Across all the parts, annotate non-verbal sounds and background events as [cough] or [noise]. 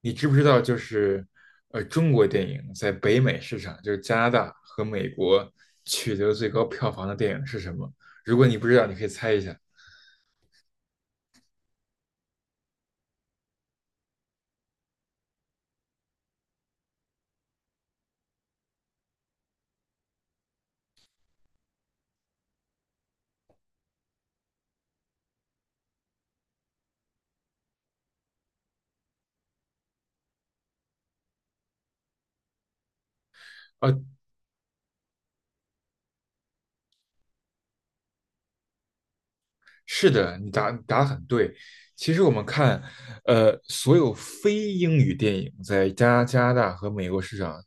你知不知道，就是中国电影在北美市场，就是加拿大和美国取得最高票房的电影是什么？如果你不知道，你可以猜一下。是的，你答得很对。其实我们看，所有非英语电影在加拿大和美国市场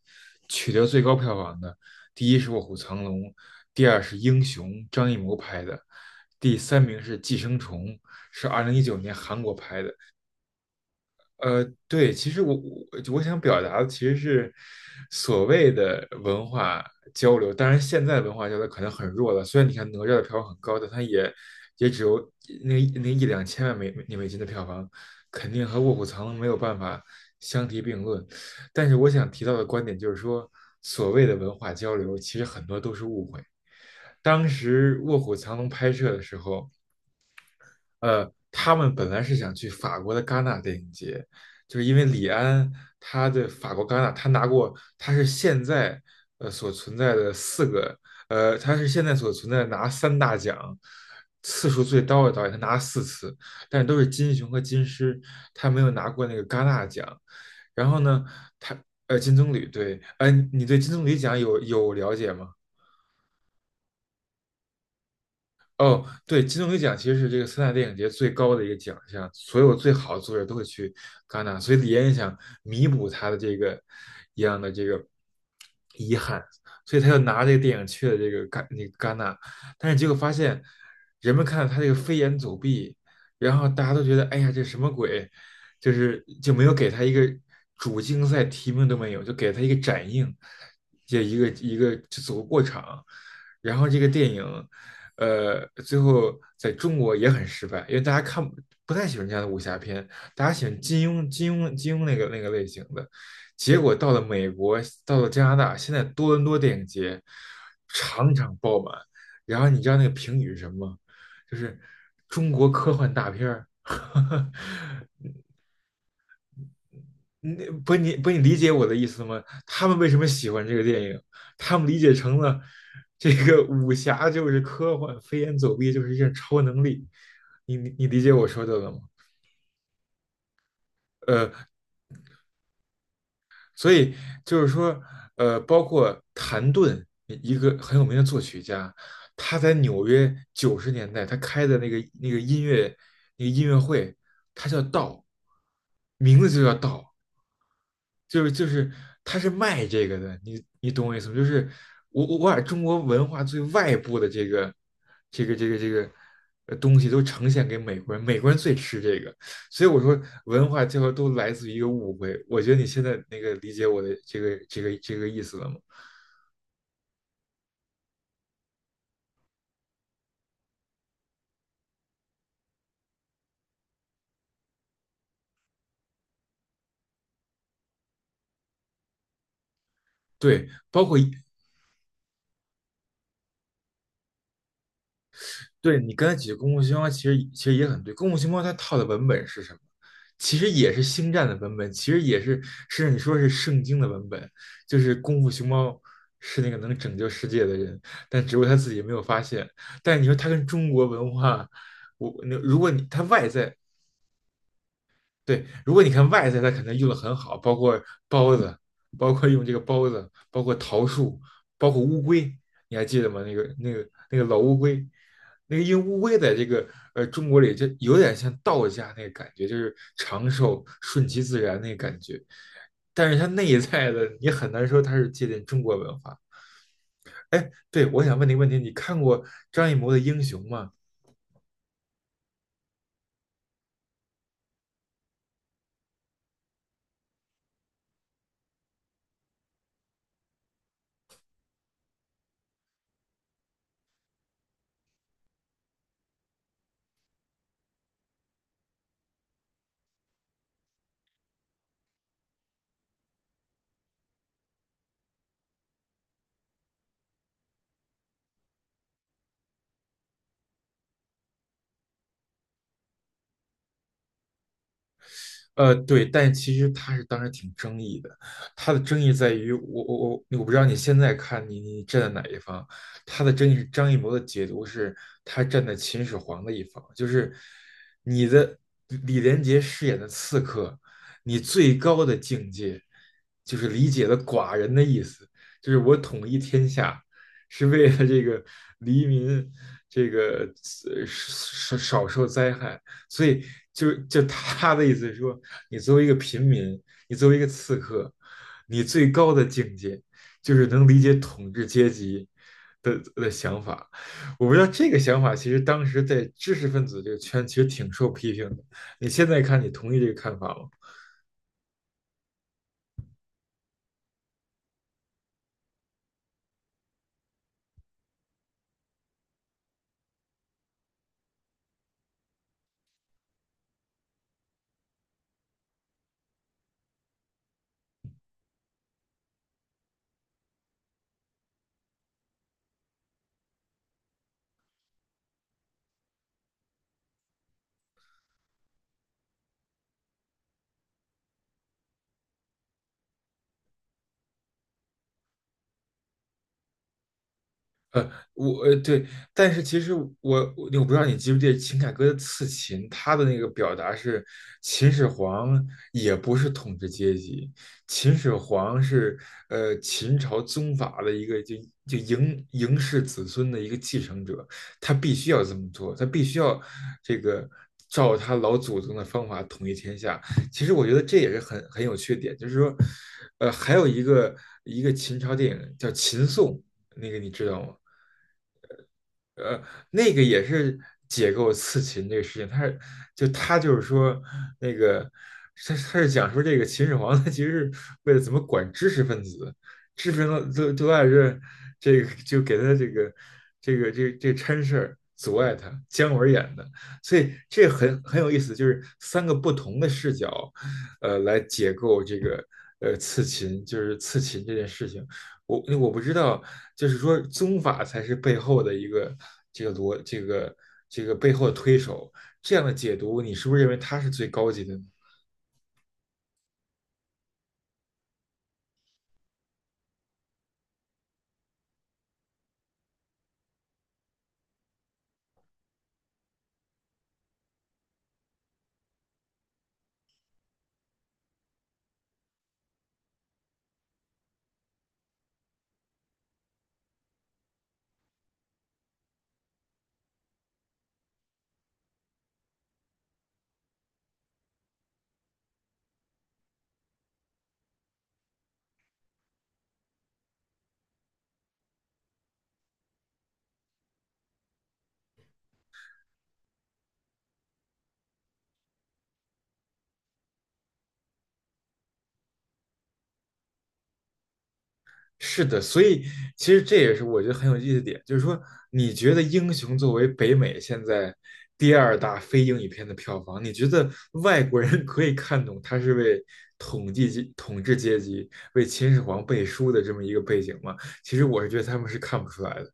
取得最高票房的，第一是《卧虎藏龙》，第二是《英雄》，张艺谋拍的，第三名是《寄生虫》，是2019年韩国拍的。对，其实我我想表达的其实是所谓的文化交流，当然现在文化交流可能很弱了。虽然你看哪吒的票房很高，但它也只有那那一两千万美金的票房，肯定和《卧虎藏龙》没有办法相提并论。但是我想提到的观点就是说，所谓的文化交流，其实很多都是误会。当时《卧虎藏龙》拍摄的时候，他们本来是想去法国的戛纳电影节，就是因为李安他对法国戛纳，他拿过，他是现在所存在的四个，他是现在所存在的拿三大奖次数最高的导演，他拿了四次，但是都是金熊和金狮，他没有拿过那个戛纳奖。然后呢，他金棕榈对，你对金棕榈奖有了解吗？哦，对，金棕榈奖其实是这个三大电影节最高的一个奖项，所有最好的作者都会去戛纳，所以李安也想弥补他的这个一样的这个遗憾，所以他就拿这个电影去了这个那个戛纳，但是结果发现人们看到他这个飞檐走壁，然后大家都觉得哎呀这什么鬼，就没有给他一个主竞赛提名都没有，就给他一个展映，这一个一个就走个过场，然后这个电影。最后在中国也很失败，因为大家看不太喜欢这样的武侠片，大家喜欢金庸、金庸、金庸那个类型的。结果到了美国，到了加拿大，现在多伦多电影节场场爆满。然后你知道那个评语是什么吗？就是中国科幻大片儿。[laughs] 你不你不你理解我的意思吗？他们为什么喜欢这个电影？他们理解成了这个武侠就是科幻，飞檐走壁就是一种超能力。你理解我说的了吗？呃。所以就是说，包括谭盾，一个很有名的作曲家，他在纽约90年代他开的那个那个音乐那个音乐会，他叫道，名字就叫道，就是他是卖这个的，你懂我意思吗？就是我把中国文化最外部的这个东西都呈现给美国人，美国人最吃这个，所以我说，文化这块都来自于一个误会。我觉得你现在那个理解我的这个意思了吗？对，对你刚才举的功夫熊猫，其实也很对。功夫熊猫它套的文本是什么？其实也是星战的文本，其实也是甚至你说是圣经的文本，就是功夫熊猫是那个能拯救世界的人，但只不过他自己没有发现。但是你说他跟中国文化，我那如果你他外在对，如果你看外在，它肯定用的很好，包括包子，包括用这个包子，包括桃树，包括乌龟，你还记得吗？那个老乌龟，那个因为乌龟在这个中国里就有点像道家那个感觉，就是长寿顺其自然那个感觉，但是它内在的你很难说它是借鉴中国文化。哎，对，我想问你个问题，你看过张艺谋的《英雄》吗？对，但其实他是当时挺争议的，他的争议在于我不知道你现在看你站在哪一方，他的争议是张艺谋的解读是他站在秦始皇的一方，就是你的李连杰饰演的刺客，你最高的境界就是理解了寡人的意思，就是我统一天下是为了这个黎民这个少受灾害。所以就他的意思是说，你作为一个平民，你作为一个刺客，你最高的境界就是能理解统治阶级的想法。我不知道这个想法，其实当时在知识分子这个圈其实挺受批评的。你现在看，你同意这个看法吗？对，但是其实我不知道你记不记得秦凯歌的《刺秦》，他的那个表达是秦始皇也不是统治阶级，秦始皇是秦朝宗法的一个就嬴氏子孙的一个继承者，他必须要这么做，他必须要这个照他老祖宗的方法统一天下。其实我觉得这也是很有缺点，就是说，还有一个秦朝电影叫《秦颂》，那个你知道吗？呃，那个也是解构刺秦这个事情，他就是说那个他是讲说这个秦始皇他其实是为了怎么管知识分子，知识分子都爱这个就给他这个掺事儿阻碍他，姜文演的，所以这很有意思，就是三个不同的视角，来解构这个刺秦，就是刺秦这件事情。我不知道，就是说宗法才是背后的一个这个逻这个背后的推手，这样的解读，你是不是认为它是最高级的呢？是的，所以其实这也是我觉得很有意思的点，就是说你觉得《英雄》作为北美现在第二大非英语片的票房，你觉得外国人 [laughs] 可以看懂它是为统治阶级、为秦始皇背书的这么一个背景吗？其实我是觉得他们是看不出来的。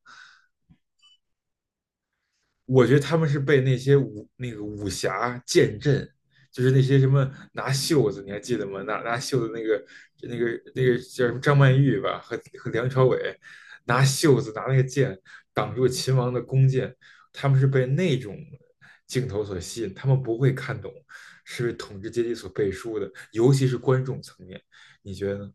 我觉得他们是被那个武侠剑阵，就是那些什么拿袖子，你还记得吗？拿袖子那个那个叫什么张曼玉吧，和梁朝伟拿袖子拿那个剑挡住秦王的弓箭，他们是被那种镜头所吸引，他们不会看懂是为统治阶级所背书的，尤其是观众层面，你觉得呢？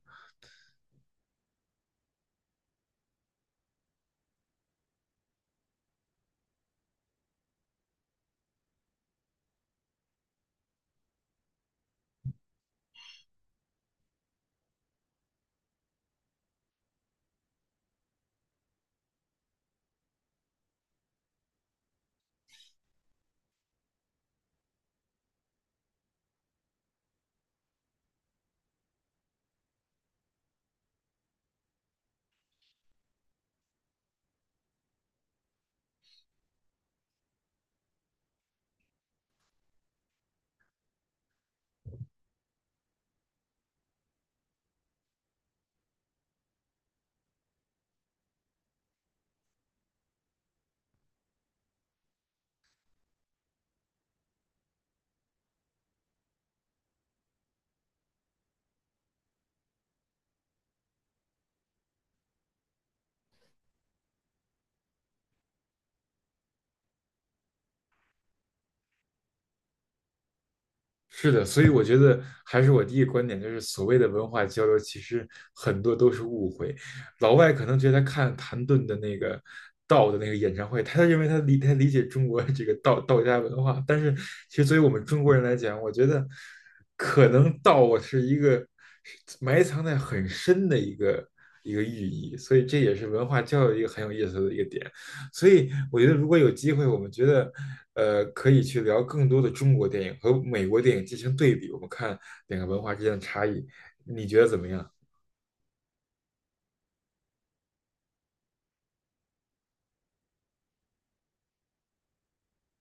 是的，所以我觉得还是我第一个观点，就是所谓的文化交流，其实很多都是误会。老外可能觉得他看谭盾的那个道的那个演唱会，他认为他理解中国这个道家文化，但是其实作为我们中国人来讲，我觉得可能道是一个埋藏在很深的一个寓意，所以这也是文化交流一个很有意思的一个点。所以我觉得如果有机会，我们觉得可以去聊更多的中国电影和美国电影进行对比，我们看两个文化之间的差异，你觉得怎么样？